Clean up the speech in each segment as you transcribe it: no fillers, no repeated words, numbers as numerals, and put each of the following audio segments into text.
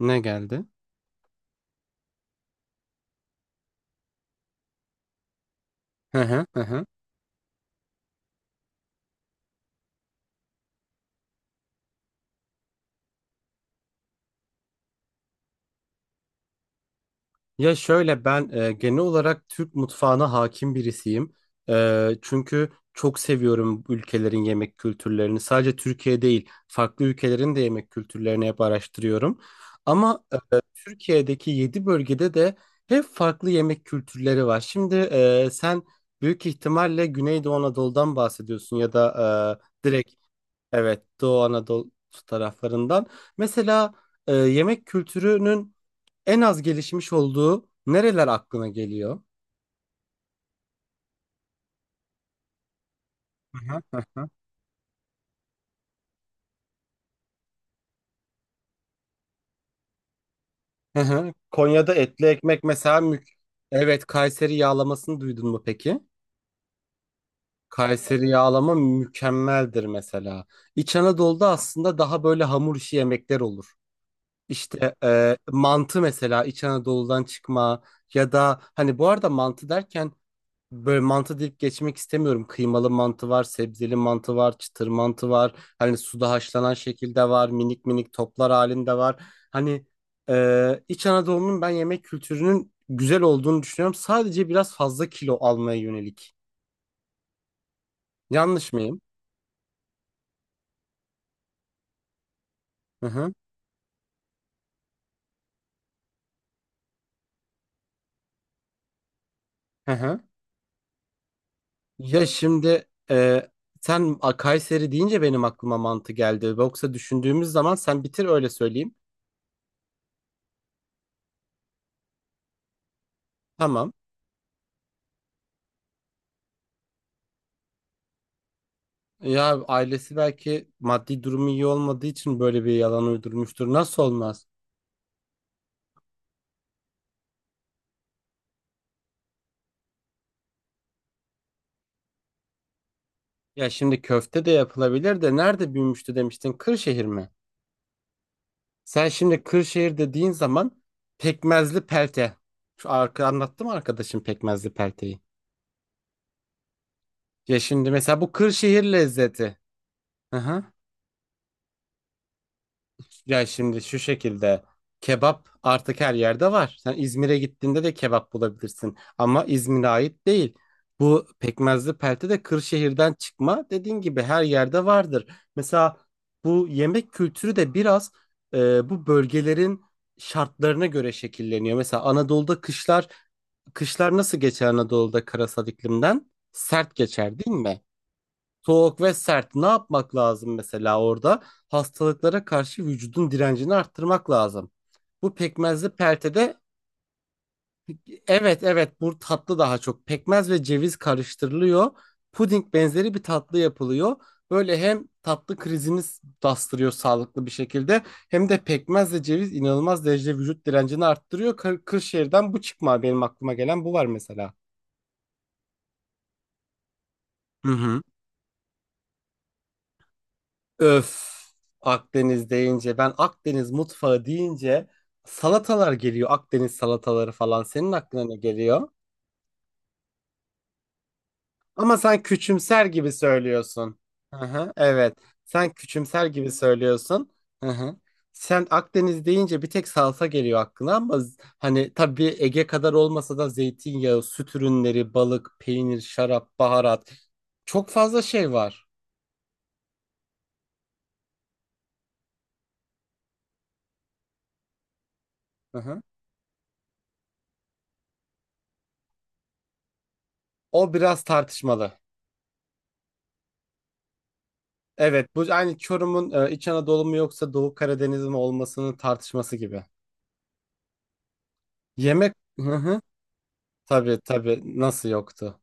Ne geldi? Hı hı hı. Hı. Ya şöyle ben genel olarak Türk mutfağına hakim birisiyim. Çünkü çok seviyorum bu ülkelerin yemek kültürlerini. Sadece Türkiye değil, farklı ülkelerin de yemek kültürlerini hep araştırıyorum. Ama Türkiye'deki 7 bölgede de hep farklı yemek kültürleri var. Şimdi sen büyük ihtimalle Güneydoğu Anadolu'dan bahsediyorsun, ya da direkt, evet, Doğu Anadolu taraflarından. Mesela yemek kültürünün en az gelişmiş olduğu nereler aklına geliyor? Hı hı. Konya'da etli ekmek mesela Evet, Kayseri yağlamasını duydun mu peki? Kayseri yağlama mükemmeldir mesela. İç Anadolu'da aslında daha böyle hamur işi yemekler olur. İşte mantı mesela İç Anadolu'dan çıkma, ya da, hani, bu arada mantı derken böyle mantı deyip geçmek istemiyorum. Kıymalı mantı var, sebzeli mantı var, çıtır mantı var. Hani suda haşlanan şekilde var, minik minik toplar halinde var. Hani İç Anadolu'nun ben yemek kültürünün güzel olduğunu düşünüyorum. Sadece biraz fazla kilo almaya yönelik. Yanlış mıyım? Hı hı. Hı hı. Ya şimdi sen Kayseri deyince benim aklıma mantı geldi. Yoksa, düşündüğümüz zaman sen bitir, öyle söyleyeyim. Tamam. Ya ailesi belki maddi durumu iyi olmadığı için böyle bir yalan uydurmuştur. Nasıl olmaz? Ya şimdi köfte de yapılabilir de nerede büyümüştü demiştin? Kırşehir mi? Sen şimdi Kırşehir dediğin zaman pekmezli pelte. Şu anlattım arkadaşım pekmezli pelteyi. Ya şimdi mesela bu Kırşehir lezzeti. Hı hı. Ya şimdi şu şekilde kebap artık her yerde var. Sen İzmir'e gittiğinde de kebap bulabilirsin ama İzmir'e ait değil. Bu pekmezli pelte de Kırşehir'den çıkma. Dediğin gibi her yerde vardır. Mesela bu yemek kültürü de biraz bu bölgelerin şartlarına göre şekilleniyor. Mesela Anadolu'da kışlar nasıl geçer Anadolu'da, karasal iklimden? Sert geçer değil mi? Soğuk ve sert. Ne yapmak lazım mesela orada? Hastalıklara karşı vücudun direncini arttırmak lazım. Bu pekmezli peltede, evet, evet, bu tatlı daha çok. Pekmez ve ceviz karıştırılıyor. Puding benzeri bir tatlı yapılıyor. Böyle hem tatlı krizini bastırıyor sağlıklı bir şekilde, hem de pekmez ve ceviz inanılmaz derecede vücut direncini arttırıyor. Kırşehir'den bu çıkma, benim aklıma gelen bu var mesela. Hı hı. Öf. Akdeniz deyince ben, Akdeniz mutfağı deyince, salatalar geliyor. Akdeniz salataları falan, senin aklına ne geliyor? Ama sen küçümser gibi söylüyorsun. Hı hı, evet. Sen küçümser gibi söylüyorsun. Hı hı. Sen Akdeniz deyince bir tek salsa geliyor aklına ama hani, tabii Ege kadar olmasa da, zeytinyağı, süt ürünleri, balık, peynir, şarap, baharat, çok fazla şey var. Hı hı. O biraz tartışmalı. Evet, bu aynı Çorum'un İç Anadolu mu yoksa Doğu Karadeniz mi olmasının tartışması gibi. Yemek hı hı. Tabii tabii, nasıl yoktu?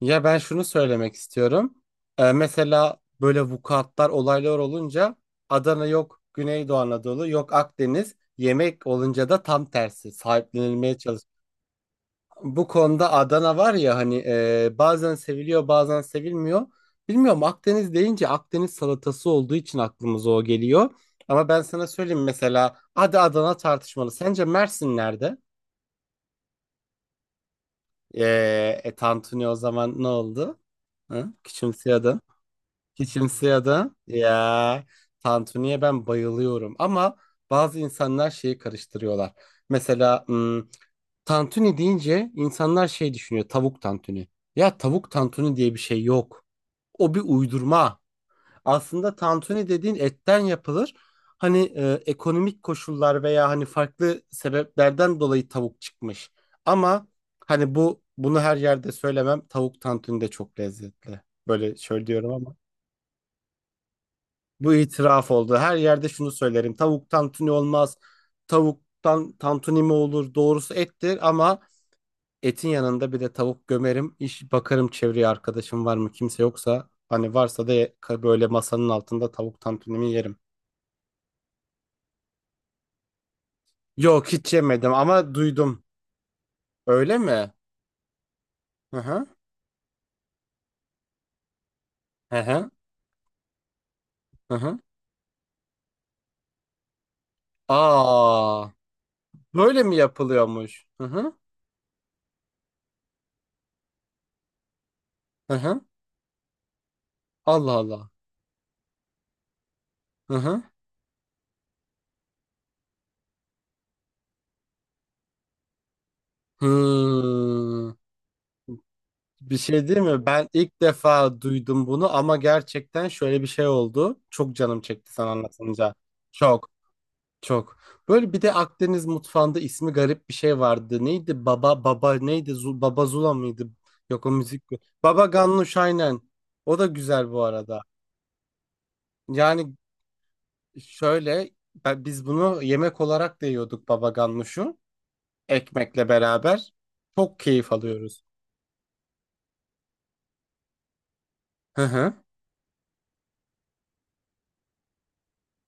Ya ben şunu söylemek istiyorum. Mesela böyle vukuatlar, olaylar olunca Adana yok, Güneydoğu Anadolu yok, Akdeniz. Yemek olunca da tam tersi sahiplenilmeye. Bu konuda Adana var ya, hani, bazen seviliyor bazen sevilmiyor. Bilmiyorum, Akdeniz deyince Akdeniz salatası olduğu için aklımıza o geliyor. Ama ben sana söyleyeyim, mesela hadi Adana tartışmalı. Sence Mersin nerede? E, tantuni o zaman ne oldu? Hı? Küçümseyordun. Küçümseyordun. Ya, tantuniye ben bayılıyorum. Ama bazı insanlar şeyi karıştırıyorlar. Mesela tantuni deyince insanlar şey düşünüyor. Tavuk tantuni. Ya tavuk tantuni diye bir şey yok. O bir uydurma. Aslında tantuni dediğin etten yapılır. Hani ekonomik koşullar veya hani farklı sebeplerden dolayı tavuk çıkmış. Ama hani bu bunu her yerde söylemem. Tavuk tantuni de çok lezzetli. Böyle şöyle diyorum ama bu itiraf oldu. Her yerde şunu söylerim. Tavuk tantuni olmaz. Tavuktan tantuni mi olur? Doğrusu ettir ama etin yanında bir de tavuk gömerim. İş bakarım çevreye, arkadaşım var mı, kimse yoksa. Hani varsa da böyle masanın altında tavuk tantunimi yerim. Yok, hiç yemedim ama duydum. Öyle mi? Hı hı. Hı hı. Hı hı. Aa, böyle mi yapılıyormuş? Hı hı. Hı hı. Allah Allah. Hı hı. Hmm. Bir şey değil mi? Ben ilk defa duydum bunu ama gerçekten şöyle bir şey oldu. Çok canım çekti sen anlatınca. Çok. Çok. Böyle bir de Akdeniz mutfağında ismi garip bir şey vardı. Neydi? Baba neydi? Baba Zula mıydı? Yok, o müzik. Baba Ganouş, aynen. O da güzel bu arada. Yani şöyle ben- bunu yemek olarak da yiyorduk, baba ganuşu, ekmekle beraber. Çok keyif alıyoruz. Hı hı.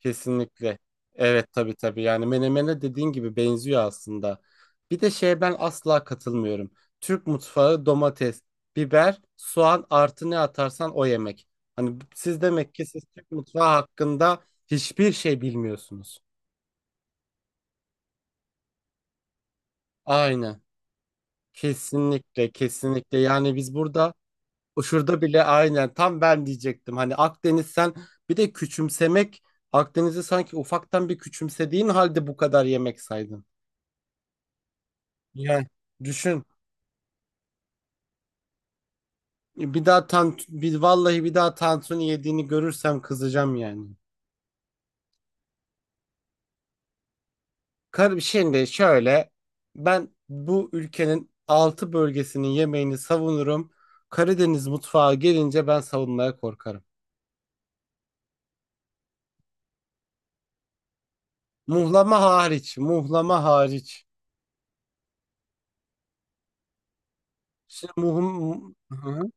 Kesinlikle. Evet, tabii tabii. Yani menemene dediğin gibi benziyor aslında. Bir de şeye ben asla katılmıyorum. Türk mutfağı domates, biber, soğan artı ne atarsan o yemek. Hani, siz demek ki, siz Türk mutfağı hakkında hiçbir şey bilmiyorsunuz. Aynen. Kesinlikle kesinlikle. Yani biz burada, o şurada bile aynen, tam ben diyecektim. Hani Akdeniz, sen bir de küçümsemek, Akdeniz'i sanki ufaktan bir küçümsediğin halde bu kadar yemek saydın. Yani düşün. Bir daha tan bir vallahi bir daha tantuni yediğini görürsem kızacağım yani. Şimdi şöyle, ben bu ülkenin altı bölgesinin yemeğini savunurum. Karadeniz mutfağı gelince ben savunmaya korkarım. Muhlama hariç, muhlama hariç. Şimdi Hı.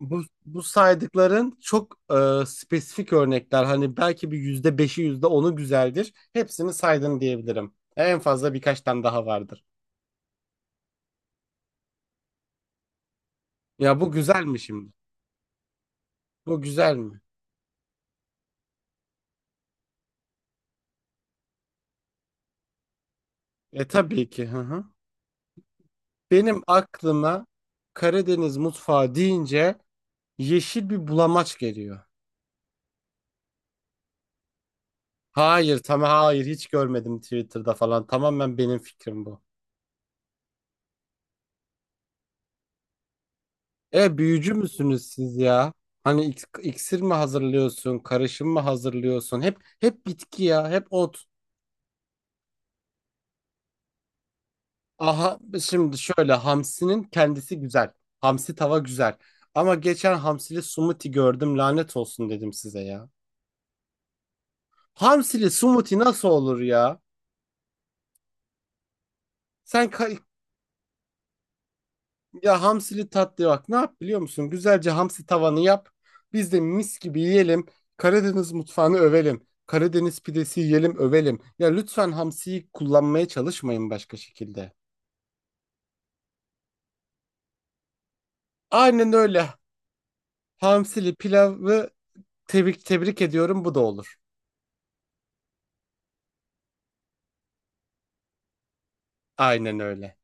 Bu saydıkların çok spesifik örnekler. Hani belki bir %5'i, yüzde onu güzeldir. Hepsini saydın diyebilirim. En fazla birkaç tane daha vardır. Ya bu güzel mi şimdi? Bu güzel mi? E tabii ki. Hı hı. Benim aklıma Karadeniz mutfağı deyince yeşil bir bulamaç geliyor. Hayır, tamam, hayır, hiç görmedim Twitter'da falan. Tamamen benim fikrim bu. E, büyücü müsünüz siz ya? Hani iksir mi hazırlıyorsun, karışım mı hazırlıyorsun? Hep bitki ya, hep ot. Aha, şimdi şöyle, hamsinin kendisi güzel. Hamsi tava güzel. Ama geçen hamsili smoothie gördüm, lanet olsun dedim, size ya. Hamsili smoothie nasıl olur ya? Sen kay- Ya, hamsili tatlı, bak ne yap biliyor musun? Güzelce hamsi tavanı yap. Biz de mis gibi yiyelim. Karadeniz mutfağını övelim. Karadeniz pidesi yiyelim, övelim. Ya lütfen hamsiyi kullanmaya çalışmayın başka şekilde. Aynen öyle. Hamsili pilavı tebrik tebrik ediyorum, bu da olur. Aynen öyle.